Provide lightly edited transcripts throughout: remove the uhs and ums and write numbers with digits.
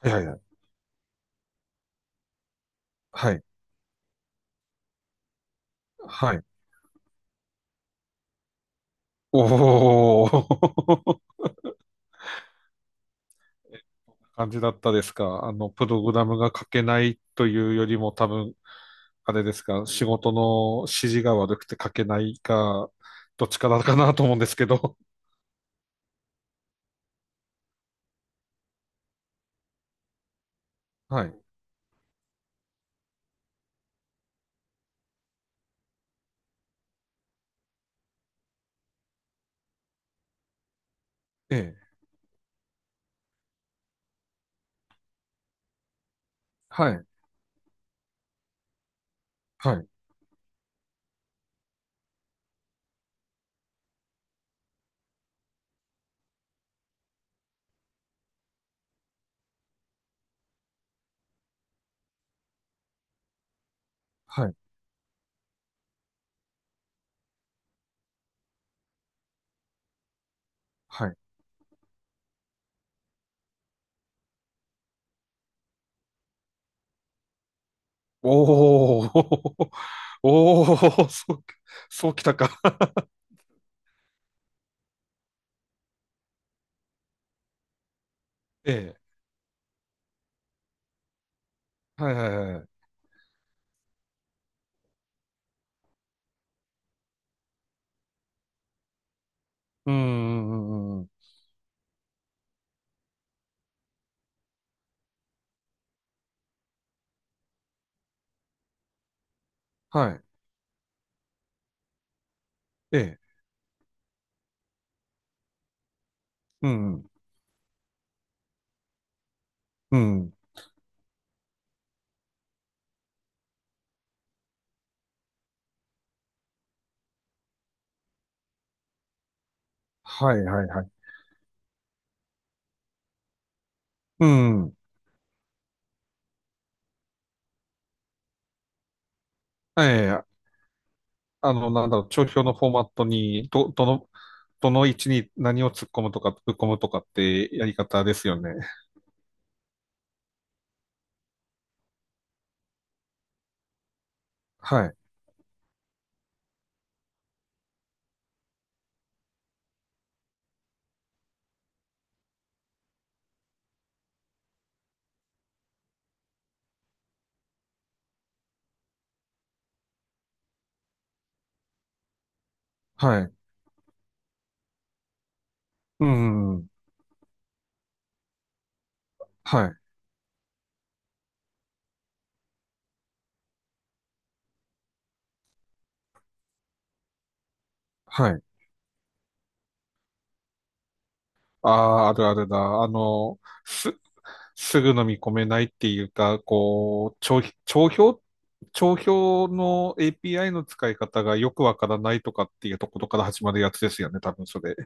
はいはいはい。はい。はい。おー。感じだったですか。プログラムが書けないというよりも多分、あれですか、仕事の指示が悪くて書けないか、どっちからかなと思うんですけど。はい。ええ。はい。はい。はい。はい。おー。おー。そう、そうきたか。ええ。はいはいはい。うーん。うんうんうんはい。ええ。うん。うん。はいはいはい。うん。ええ、なんだろう、帳票のフォーマットに、どの位置に何を突っ込むとか、ぶっ込むとかってやり方ですよね。はい、はい、うん、はい、はい。ああ、あるあるだ。あの、す、すぐ飲み込めないっていうか、こう、帳票の API の使い方がよくわからないとかっていうところから始まるやつですよね、多分それ。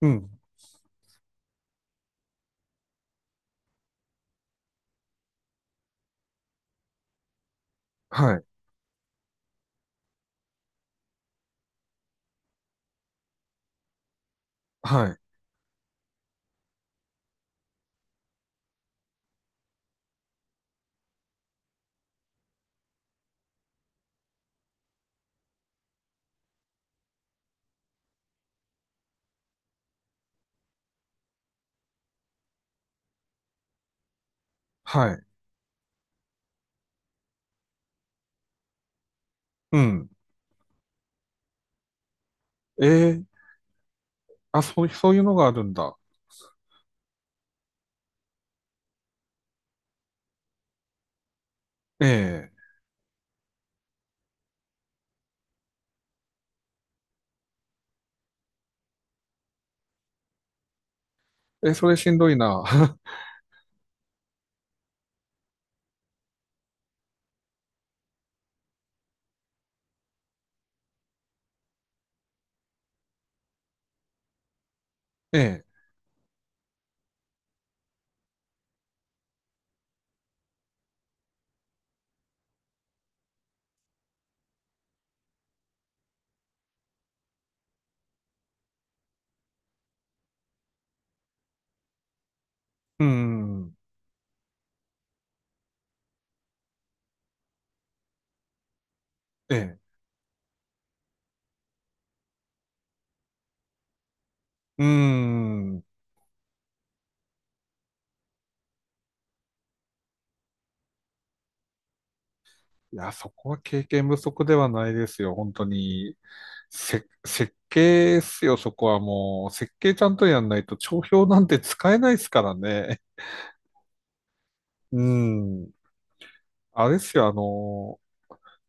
うん、はい、はい、はい、うん。ええ、あ、そう、そういうのがあるんだ。ええ。え、それしんどいな。ええ。うん。ええ。うん。いや、そこは経験不足ではないですよ。本当に。設計ですよ、そこはもう。設計ちゃんとやんないと、帳票なんて使えないですからね。うん。あれですよ、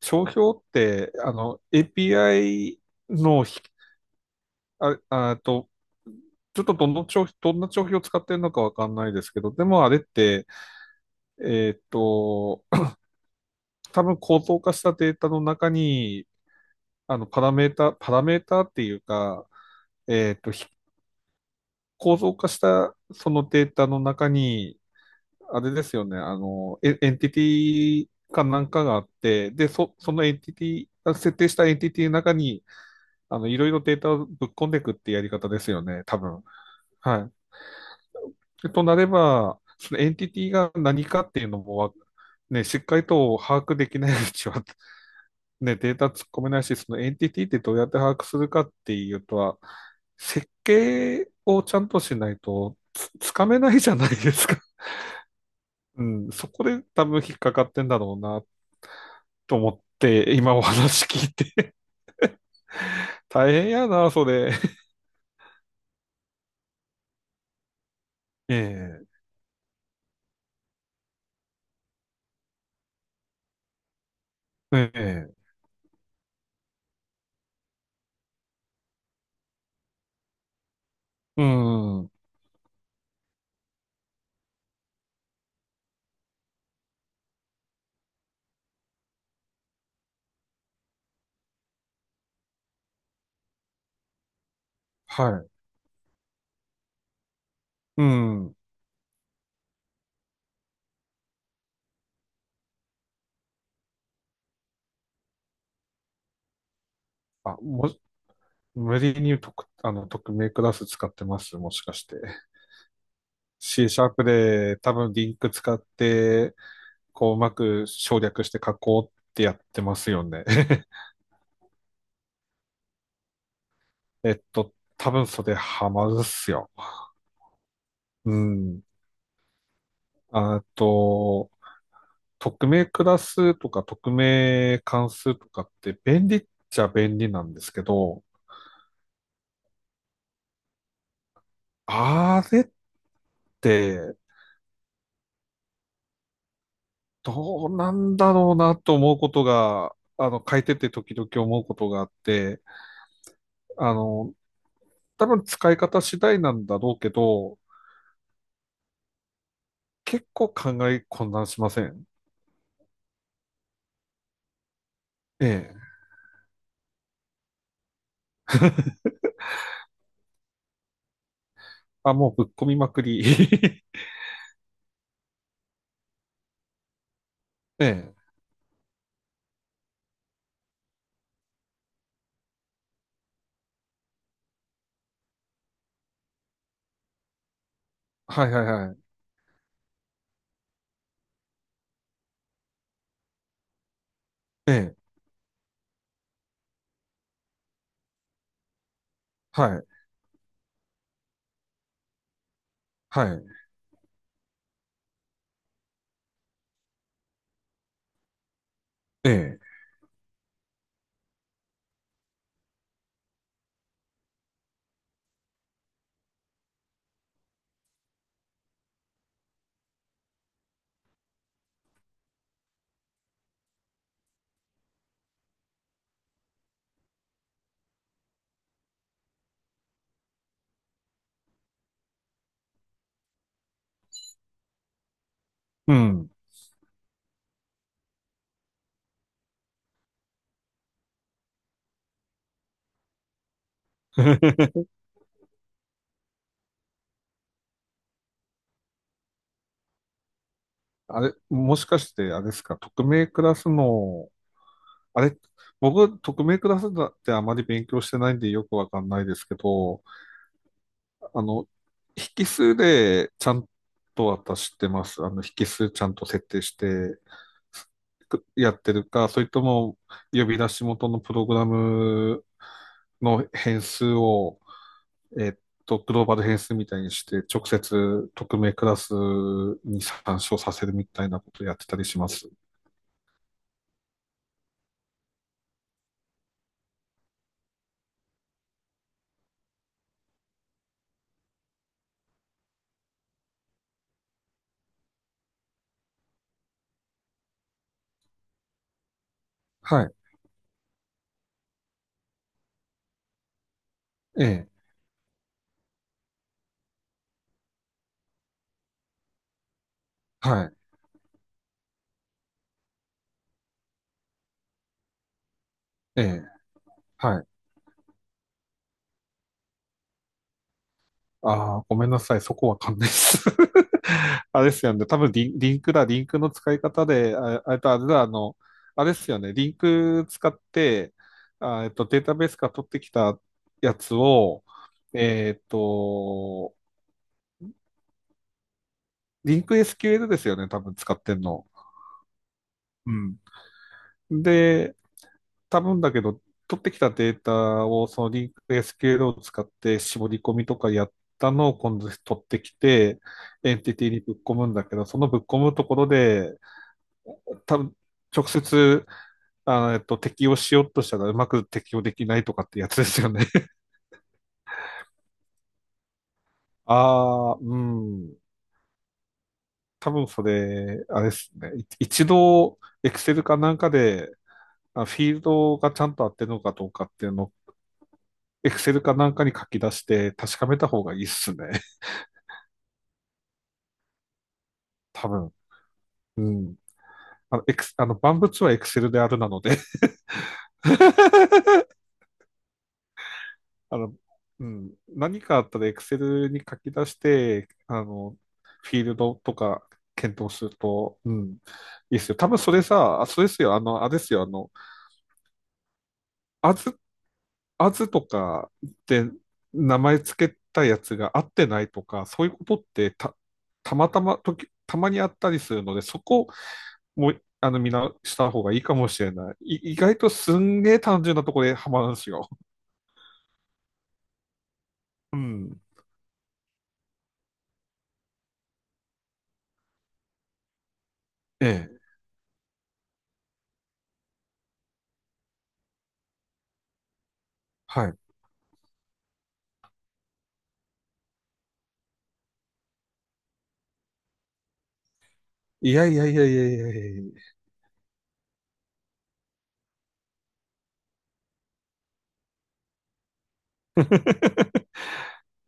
帳票って、API のひ、あ、あと、ちょっとどんな帳票を使ってるのかわかんないですけど、でもあれって、えーっと、多分構造化したデータの中に、パラメータ、パラメータっていうか、えっと、構造化したそのデータの中に、あれですよね、エンティティかなんかがあって、で、そのエンティティ、設定したエンティティの中に、いろいろデータをぶっ込んでいくってやり方ですよね、多分。はい。となれば、そのエンティティが何かっていうのもね、しっかりと把握できないうちはね、データ突っ込めないし、そのエンティティってどうやって把握するかっていうとは、設計をちゃんとしないとつかめないじゃないですか。うん、そこで多分引っかかってんだろうな、と思って、今お話聞いて 大変やな、それ。ええ、ええ、うん、はい、うん。あ、も、無理に特、あの、匿名クラス使ってます、もしかして。C シャープで多分リンク使って、こう、うまく省略して書こうってやってますよね。多分それハマるっすよ。うん。あと、匿名クラスとか匿名関数とかって便利っちゃ便利なんですけど、あれってどうなんだろうなと思うことが、書いてて時々思うことがあって、あの、多分使い方次第なんだろうけど、結構考え混乱しません。ええ。あ、もうぶっ込みまくり。ええ。はいはいはい。ええ。はい。はい。ええ。うん。あれ、もしかして、あれですか、匿名クラスの、あれ、僕、匿名クラスだってあまり勉強してないんでよくわかんないですけど、あの、引数でちゃんと私知ってます。引数ちゃんと設定してくやってるか、それとも呼び出し元のプログラムの変数をえっグローバル変数みたいにして、直接匿名クラスに参照させるみたいなことやってたりします。はい。ええ。はい。ええ。はい。ああ、ごめんなさい。そこわかんないです。あれですよね。多分リンクだ。リンクの使い方で、あれとあれだ、あれですよね。リンク使って、あ、データベースから取ってきたやつを、えっと、リンク SQL ですよね。多分使ってんの。うん。で、多分だけど、取ってきたデータをそのリンクエスケーエルを使って絞り込みとかやったのを今度取ってきて、エンティティにぶっ込むんだけど、そのぶっ込むところで、多分直接、適用しようとしたらうまく適用できないとかってやつですよね。ああ、うん。多分それ、あれですね。一度、Excel かなんかで、フィールドがちゃんと合ってるのかどうかっていうのを、Excel かなんかに書き出して確かめた方がいいっすね。多分。うん。あの、エクス、あの、万物はエクセルであるなので あの、うん。何かあったらエクセルに書き出して、フィールドとか検討すると、うん。いいっすよ。多分それさ、あそうですよ。あれですよ。アズ、アズとかで名前つけたやつが合ってないとか、そういうことってたまにあったりするので、そこもう、みんなした方がいいかもしれない。意外とすんげえ単純なところでハマるんですよ。うん。ええ。はい。いやいやいやいやいやいやいや。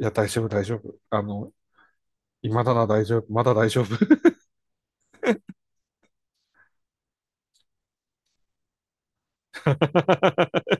いや、大丈夫、大丈夫。今だな、大丈夫。まだ大丈夫。